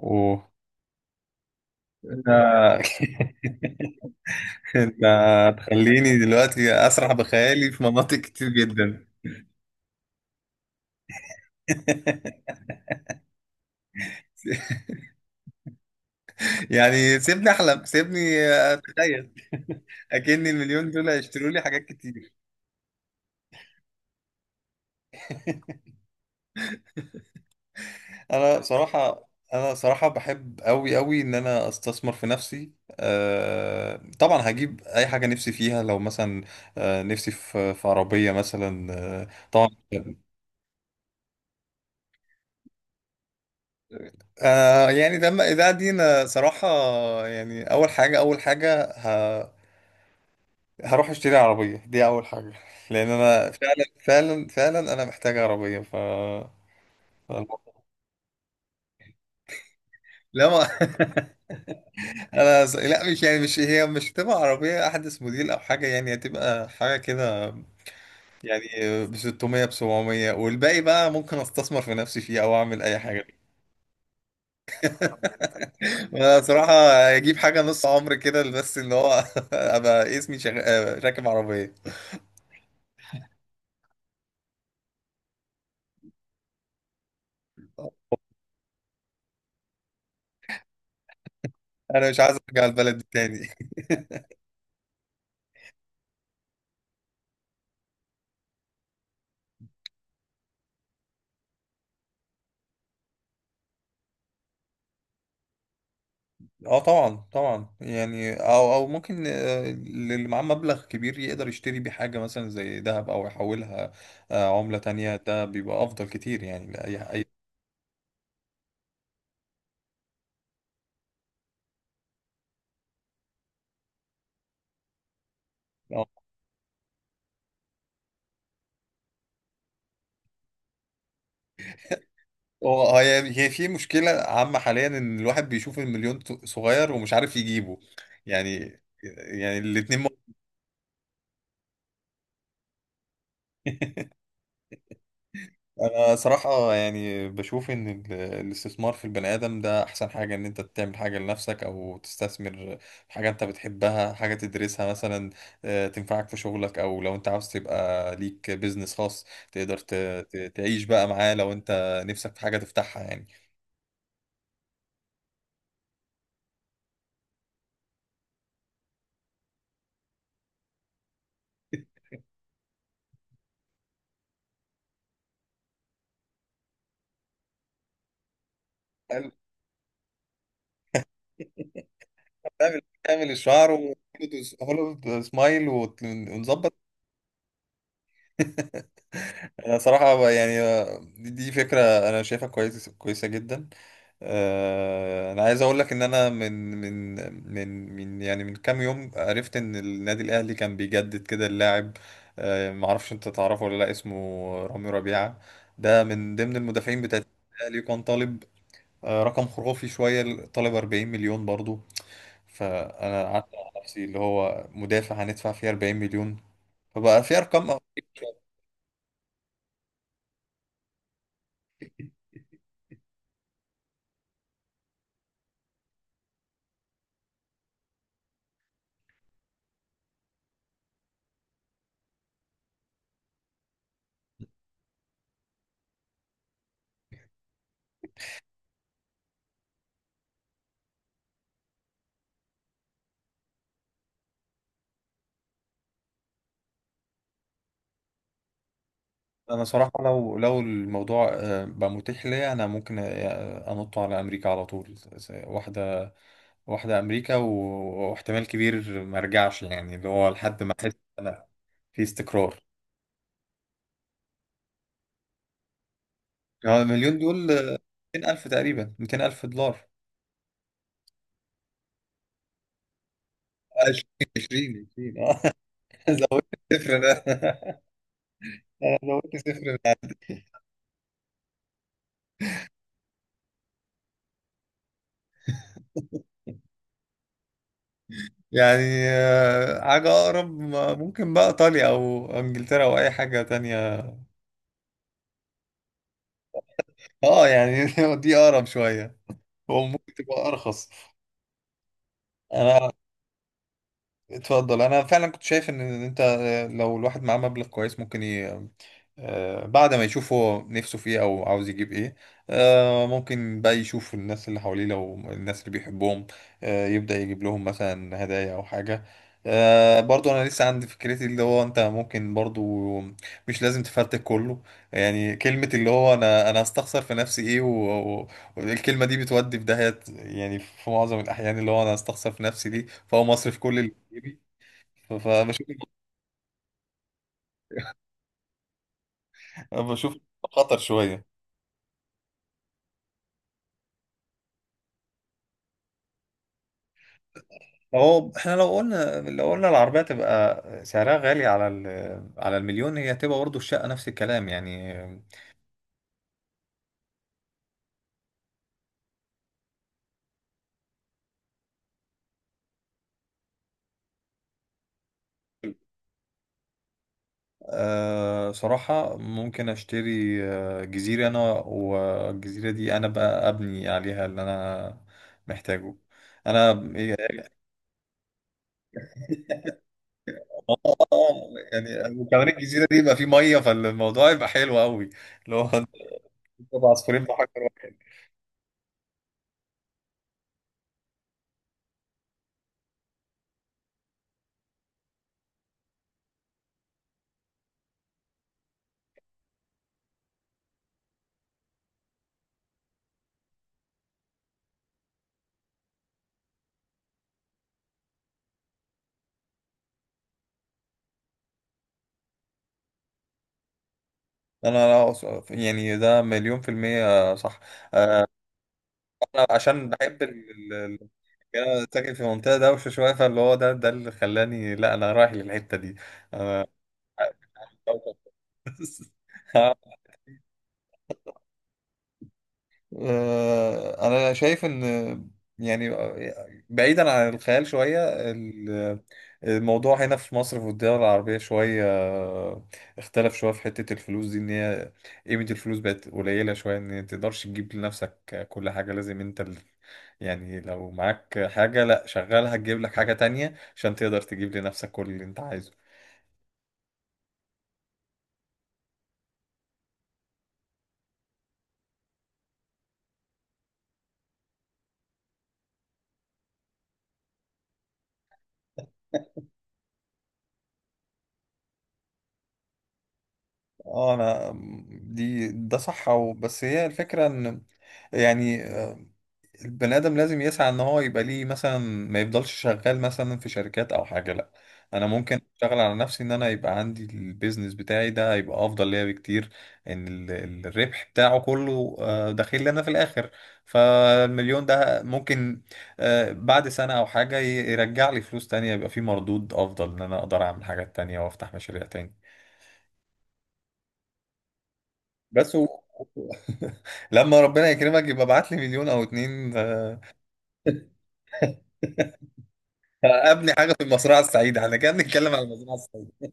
اوه. آه. انت هتخليني دلوقتي اسرح بخيالي في مناطق كتير جدا. يعني سيبني احلم سيبني اتخيل. اكن المليون دول هيشتروا لي حاجات كتير. انا صراحه انا صراحه بحب قوي قوي ان انا استثمر في نفسي. أه طبعا، هجيب اي حاجه نفسي فيها، لو مثلا أه، نفسي في عربيه مثلا. أه طبعا. يعني ده ده دي انا صراحة. يعني هروح اشتري عربية، دي اول حاجة. لان انا فعلا انا محتاج عربية فالموضوع- لا، ما لا، مش يعني مش هي مش هتبقى عربية احدث موديل او حاجة، يعني هتبقى حاجة كده، يعني ب 600 ب 700، والباقي بقى ممكن استثمر في نفسي فيه او اعمل اي حاجة. انا صراحة اجيب حاجة نص عمر كده، بس اللي هو ابقى اسمي شغ... آه، راكب عربية. انا مش عايز ارجع البلد دي تاني. اه طبعا طبعا، يعني او ممكن اللي معاه مبلغ كبير يقدر يشتري بيه حاجه مثلا زي ذهب، او يحولها عمله تانية، ده بيبقى افضل كتير يعني لاي اي. آه. هو هي هي في مشكله عامه حاليا، ان الواحد بيشوف المليون صغير ومش عارف يجيبه. يعني الاتنين. انا صراحة يعني بشوف ان الاستثمار في البني ادم ده احسن حاجة، ان انت تعمل حاجة لنفسك او تستثمر في حاجة انت بتحبها، حاجة تدرسها مثلا تنفعك في شغلك، او لو انت عاوز تبقى ليك بيزنس خاص تقدر تعيش بقى معاه، لو انت نفسك في حاجة تفتحها يعني. تعمل الشعر وهوليوود سمايل ونظبط. انا صراحة يعني دي فكرة انا شايفها كويسة جدا. انا عايز اقول لك ان انا من من يعني من كام يوم عرفت ان النادي الاهلي كان بيجدد كده اللاعب معرفش انت تعرفه ولا لا. اسمه رامي ربيعة، ده من ضمن المدافعين بتاع الاهلي. كان طالب رقم خرافي شوية، طالب 40 مليون برضو. فانا قعدت على نفسي، اللي هو مدافع هندفع فيه 40 مليون، فبقى في ارقام. انا صراحه لو الموضوع بقى متاح ليا، انا ممكن انط على امريكا على طول، واحده امريكا واحتمال كبير ما ارجعش، يعني اللي هو لحد ما احس إن انا في استقرار. يعني هو المليون دول 200 الف تقريبا، 200 الف دولار. 20، 20، 20، اه. زودت صفر ده. انا زودت صفر ده. يعني حاجه اقرب ممكن بقى ايطاليا او انجلترا او اي حاجه تانية. اه يعني دي اقرب شويه، هو ممكن تبقى ارخص. انا اتفضل. انا فعلا كنت شايف ان انت لو الواحد معاه مبلغ كويس ممكن ي... آه، بعد ما يشوف هو نفسه في ايه، او عاوز يجيب ايه ممكن بقى يشوف الناس اللي حواليه، لو الناس اللي بيحبهم يبدأ يجيب لهم مثلا هدايا او حاجة. برضو انا لسه عندي فكرتي، اللي هو انت ممكن برضو مش لازم تفرتك كله. يعني كلمة اللي هو انا هستخسر في نفسي ايه والكلمة دي بتودي في داهية، يعني في معظم الاحيان اللي هو انا هستخسر في نفسي دي، فهو مصرف كل ف- فبشوف بشوف خطر شوية. هو احنا لو قلنا العربية تبقى سعرها غالي على على المليون، هي هتبقى برضه الشقة نفس الكلام يعني. أه صراحة ممكن اشتري جزيرة، انا والجزيرة دي انا بقى ابني عليها اللي انا محتاجه انا. يعني وكمان الجزيرة دي يبقى فيه مية، فالموضوع يبقى حلو قوي، اللي هو عصفورين بحجر واحد. انا لا أص- يعني ده مليون في المية صح. انا عشان بحب يعني انا ساكن في منطقة دوشة شوية، فاللي هو ده اللي خلاني، لا انا رايح للحتة دي انا. انا شايف ان يعني بعيدا عن الخيال شوية، ال- الموضوع هنا في مصر، في الدول العربية شوية، اختلف شوية في حتة الفلوس دي، ان هي قيمة الفلوس بقت قليلة شوية، ان انت تقدرش تجيب لنفسك كل حاجة، لازم انت يعني لو معاك حاجة لا شغالها تجيب لك حاجة تانية عشان تقدر تجيب لنفسك كل اللي انت عايزه. اه انا، دي ده صح، أو بس هي الفكرة ان يعني البني ادم لازم يسعى ان هو يبقى ليه، مثلا ما يفضلش شغال مثلا في شركات او حاجه، لا، انا ممكن اشتغل على نفسي ان انا يبقى عندي البيزنس بتاعي، ده هيبقى افضل ليا بكتير، ان الربح بتاعه كله داخل لي انا في الاخر. فالمليون ده ممكن بعد سنه او حاجه يرجع لي فلوس تانية، يبقى في مردود افضل، ان انا اقدر اعمل حاجات تانية وافتح مشاريع تاني. بس و... لما ربنا يكرمك يبقى ابعت لي مليون او اتنين ابني حاجه في المزرعه السعيده، احنا كنا بنتكلم عن المزرعه السعيده.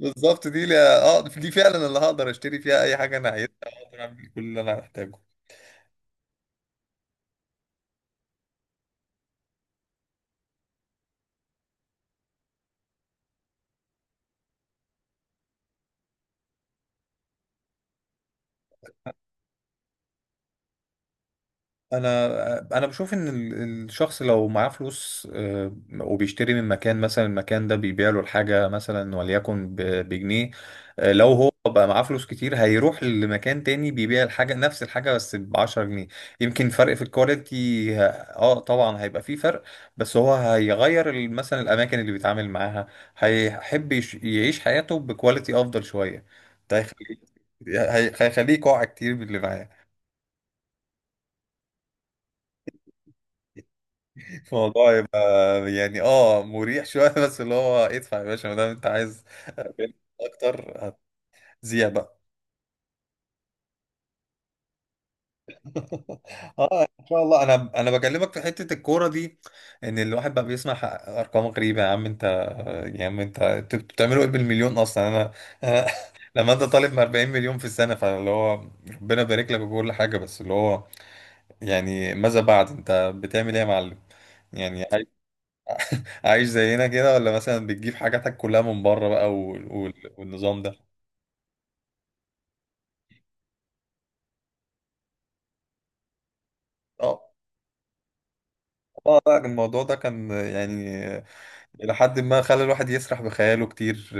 بالظبط دي لي. اه دي فعلا اللي هقدر اشتري فيها اي حاجه انا عايزها، اقدر اعمل كل اللي انا محتاجه. انا بشوف ان الشخص لو معاه فلوس وبيشتري من مكان، مثلا المكان ده بيبيع له الحاجه مثلا وليكن بجنيه، لو هو بقى معاه فلوس كتير هيروح لمكان تاني بيبيع الحاجه، نفس الحاجه، بس ب 10 جنيه. يمكن فرق في الكواليتي اه طبعا هيبقى فيه فرق، بس هو هيغير مثلا الاماكن اللي بيتعامل معاها، هيحب يعيش حياته بكواليتي افضل شويه. ده هيخليه، هيخليه يقع كتير باللي معاه. الموضوع يبقى يعني اه مريح شوية، بس اللي هو ادفع يا باشا ما دام انت عايز اكتر، هتذيع بقى. اه ان شاء الله، انا بكلمك في حتة الكورة دي، ان الواحد بقى بيسمع ارقام غريبة. يا عم انت، يا عم انت انتوا بتعملوا ايه بالمليون اصلا؟ انا أنا لما انت طالب من 40 مليون في السنة، فاللي هو ربنا يبارك لك وكل حاجة، بس اللي هو يعني ماذا بعد؟ انت بتعمل ايه يا معلم يعني؟ عايش زينا كده، ولا مثلا بتجيب حاجاتك كلها من بره بقى والنظام ده. اه. اه لا، الموضوع ده كان يعني إلى حد ما خلى الواحد يسرح بخياله كتير.